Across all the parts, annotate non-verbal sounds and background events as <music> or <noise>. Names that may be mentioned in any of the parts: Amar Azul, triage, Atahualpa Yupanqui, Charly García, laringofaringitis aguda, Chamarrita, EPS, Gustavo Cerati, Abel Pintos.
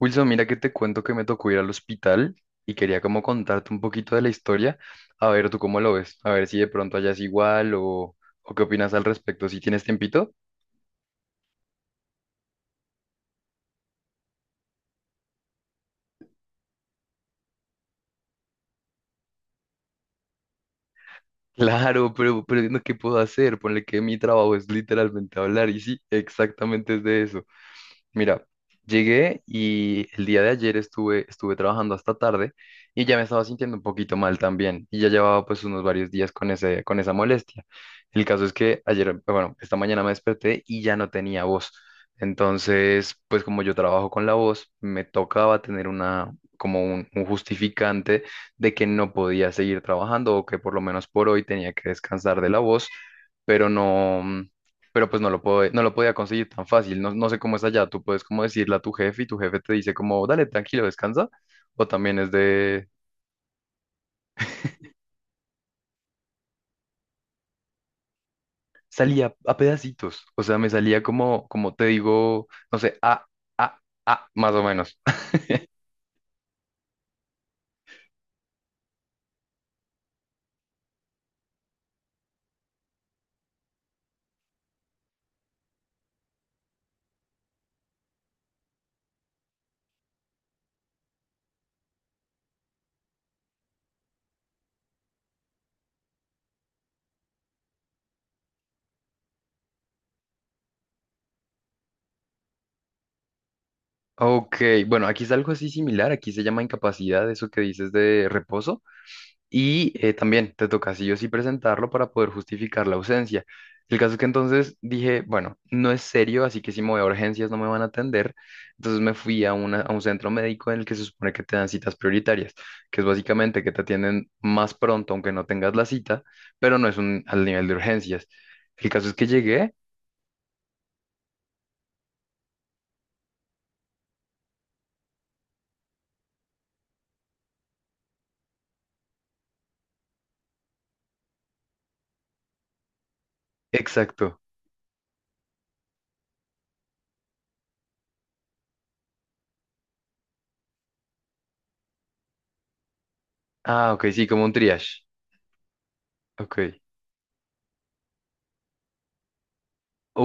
Wilson, mira que te cuento que me tocó ir al hospital y quería como contarte un poquito de la historia. A ver, ¿tú cómo lo ves? A ver si de pronto allá es igual o qué opinas al respecto. ¿Si tienes tiempito? Claro, pero no, ¿qué puedo hacer? Ponle que mi trabajo es literalmente hablar y sí, exactamente es de eso. Mira, llegué y el día de ayer estuve trabajando hasta tarde y ya me estaba sintiendo un poquito mal también y ya llevaba pues unos varios días con con esa molestia. El caso es que ayer, bueno, esta mañana me desperté y ya no tenía voz. Entonces, pues como yo trabajo con la voz, me tocaba tener como un justificante de que no podía seguir trabajando o que por lo menos por hoy tenía que descansar de la voz, pero no pero pues no lo podía conseguir tan fácil. No, no sé cómo es allá. Tú puedes como decirle a tu jefe y tu jefe te dice como, dale, tranquilo, descansa. O también es de, salía a pedacitos. O sea, me salía como te digo, no sé, a, a, más o menos. Ok, bueno, aquí es algo así similar. Aquí se llama incapacidad, eso que dices de reposo. Y también te toca sí o sí presentarlo para poder justificar la ausencia. El caso es que entonces dije, bueno, no es serio, así que si me voy a urgencias no me van a atender. Entonces me fui a un centro médico en el que se supone que te dan citas prioritarias, que es básicamente que te atienden más pronto aunque no tengas la cita, pero no es al nivel de urgencias. El caso es que llegué, exacto. Ah, ok, sí, como un triage. Ok.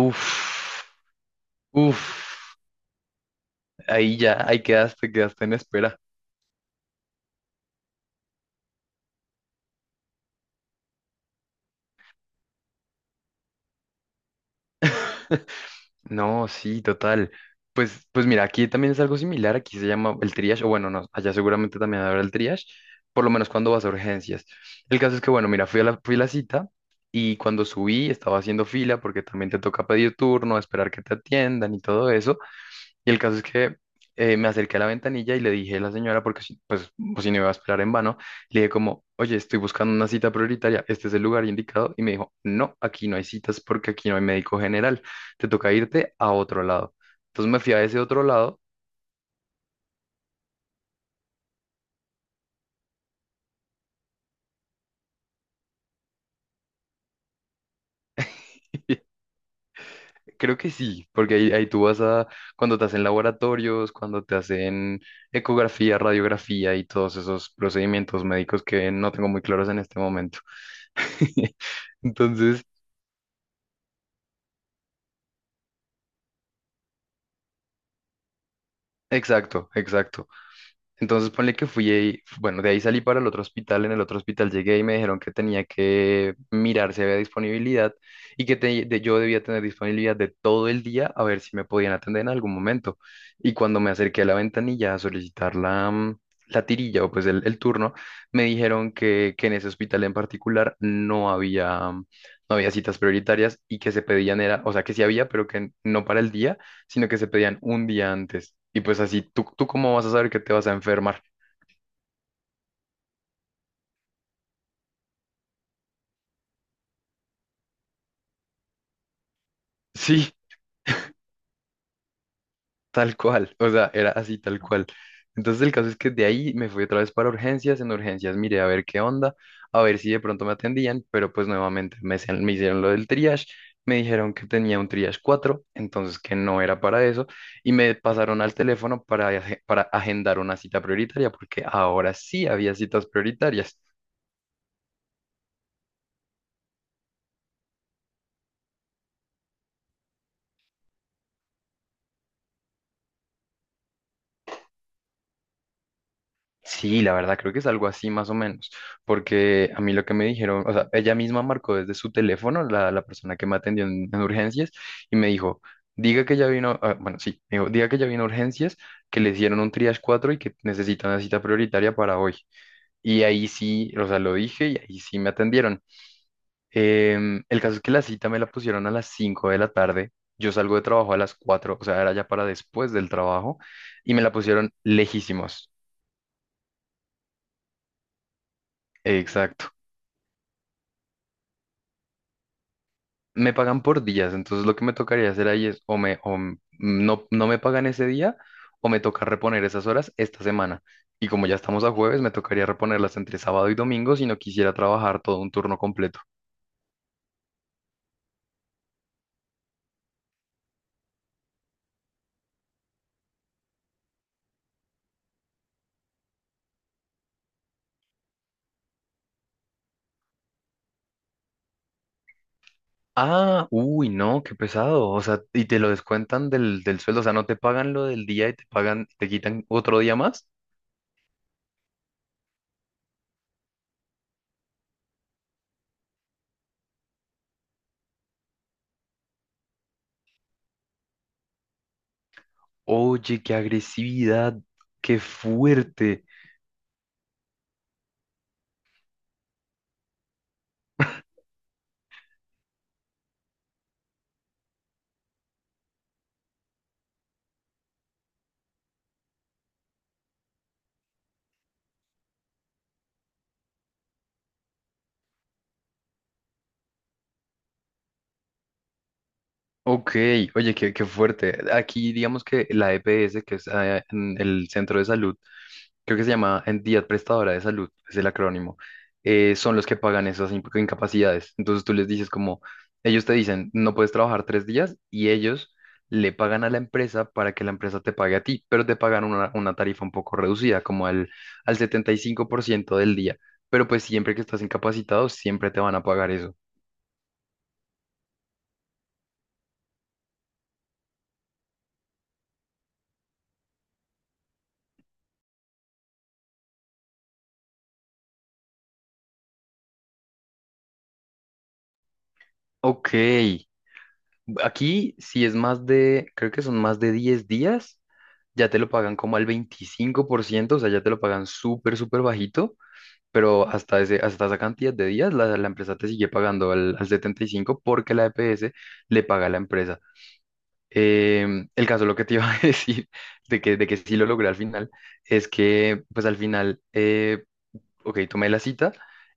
Uf, uf, ahí quedaste en espera. <laughs> No, sí, total. Pues mira, aquí también es algo similar, aquí se llama el triage, o bueno, no, allá seguramente también habrá el triage, por lo menos cuando vas a urgencias. El caso es que, bueno, mira, fui a la cita y cuando subí estaba haciendo fila porque también te toca pedir turno, esperar que te atiendan y todo eso. Y el caso es que me acerqué a la ventanilla y le dije a la señora, porque pues, si no iba a esperar en vano, le dije como, oye, estoy buscando una cita prioritaria, este es el lugar indicado. Y me dijo, no, aquí no hay citas porque aquí no hay médico general, te toca irte a otro lado. Entonces me fui a ese otro lado. <laughs> Creo que sí, porque ahí tú cuando te hacen laboratorios, cuando te hacen ecografía, radiografía y todos esos procedimientos médicos que no tengo muy claros en este momento. <laughs> Entonces, exacto, exacto. Entonces ponle que fui ahí, bueno, de ahí salí para el otro hospital, en el otro hospital llegué y me dijeron que tenía que mirar si había disponibilidad y que yo debía tener disponibilidad de todo el día a ver si me podían atender en algún momento. Y cuando me acerqué a la ventanilla a solicitar la tirilla o pues el turno, me dijeron que en ese hospital en particular no había citas prioritarias y que se pedían era, o sea, que sí había, pero que no para el día sino que se pedían un día antes. Y pues así, ¿tú cómo vas a saber que te vas a enfermar? <laughs> Sí, tal cual. O sea, era así, tal cual. Entonces el caso es que de ahí me fui otra vez para urgencias. En urgencias miré a ver qué onda, a ver si de pronto me atendían, pero pues nuevamente me hicieron lo del triage. Me dijeron que tenía un triage 4 entonces que no era para eso, y me pasaron al teléfono para agendar una cita prioritaria, porque ahora sí había citas prioritarias. Sí, la verdad, creo que es algo así más o menos, porque a mí lo que me dijeron, o sea, ella misma marcó desde su teléfono, la persona que me atendió en urgencias, y me dijo, diga que ya vino, ah, bueno, sí, me dijo, diga que ya vino a urgencias, que le hicieron un triage 4 y que necesita una cita prioritaria para hoy. Y ahí sí, o sea, lo dije y ahí sí me atendieron. El caso es que la cita me la pusieron a las 5 de la tarde, yo salgo de trabajo a las 4, o sea, era ya para después del trabajo, y me la pusieron lejísimos. Exacto. Me pagan por días, entonces lo que me tocaría hacer ahí es o me o m- no, no me pagan ese día o me toca reponer esas horas esta semana. Y como ya estamos a jueves, me tocaría reponerlas entre sábado y domingo si no quisiera trabajar todo un turno completo. Ah, uy, no, qué pesado. O sea, y te lo descuentan del sueldo, o sea, no te pagan lo del día y te pagan, te quitan otro día más. Oye, qué agresividad, qué fuerte. Ok, oye, qué fuerte. Aquí digamos que la EPS, que es en el centro de salud creo que se llama entidad prestadora de salud, es el acrónimo, son los que pagan esas incapacidades. Entonces tú les dices como, ellos te dicen, no puedes trabajar 3 días y ellos le pagan a la empresa para que la empresa te pague a ti, pero te pagan una tarifa un poco reducida, como al 75% del día. Pero pues siempre que estás incapacitado, siempre te van a pagar eso. Ok, aquí, si es más de, creo que son más de 10 días, ya te lo pagan como al 25%, o sea, ya te lo pagan súper, súper bajito, pero hasta esa cantidad de días la empresa te sigue pagando al 75% porque la EPS le paga a la empresa. El caso, lo que te iba a <laughs> decir, de que sí lo logré al final, es que pues al final, ok, tomé la cita,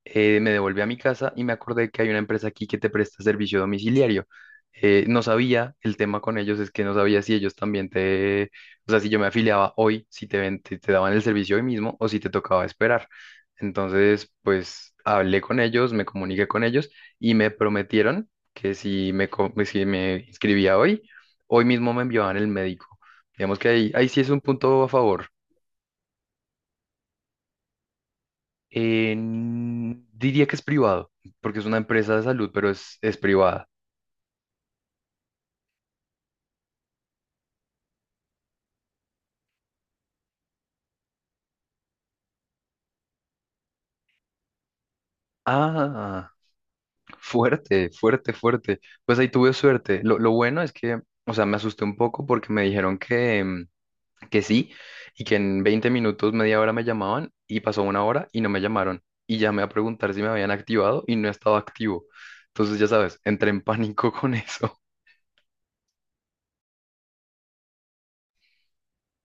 me devolví a mi casa y me acordé que hay una empresa aquí que te presta servicio domiciliario. No sabía, el tema con ellos es que no sabía si ellos también te, o sea, si yo me afiliaba hoy, si te daban el servicio hoy mismo o si te tocaba esperar. Entonces, pues hablé con ellos, me comuniqué con ellos y me prometieron que si me inscribía hoy, hoy mismo me enviaban el médico. Digamos que ahí sí es un punto a favor. Diría que es privado, porque es una empresa de salud, pero es privada. Ah, fuerte, fuerte, fuerte. Pues ahí tuve suerte. Lo bueno es que, o sea, me asusté un poco porque me dijeron que sí y que en 20 minutos, media hora me llamaban y pasó una hora y no me llamaron. Y llamé a preguntar si me habían activado y no estaba activo. Entonces, ya sabes, entré en pánico <laughs> con eso.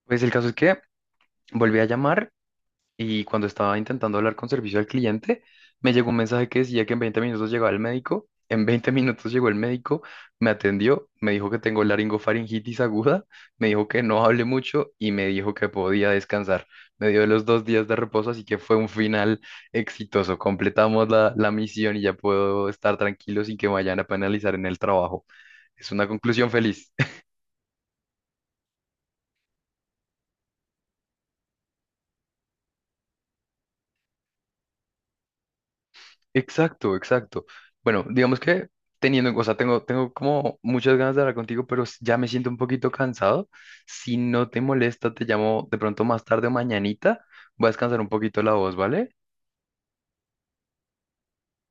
Pues el caso es que volví a llamar y cuando estaba intentando hablar con servicio al cliente, me llegó un mensaje que decía que en 20 minutos llegaba el médico. En 20 minutos llegó el médico, me atendió, me dijo que tengo laringofaringitis aguda, me dijo que no hable mucho y me dijo que podía descansar. Me dio los 2 días de reposo, así que fue un final exitoso. Completamos la misión y ya puedo estar tranquilo sin que me vayan a penalizar en el trabajo. Es una conclusión feliz. Exacto, exacto. Bueno, digamos que teniendo, o sea, tengo como muchas ganas de hablar contigo, pero ya me siento un poquito cansado. Si no te molesta, te llamo de pronto más tarde o mañanita. Voy a descansar un poquito la voz, ¿vale?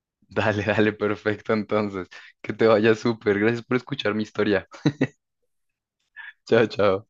<laughs> Dale, dale, perfecto. Entonces, que te vaya súper. Gracias por escuchar mi historia. <laughs> Chao, chao.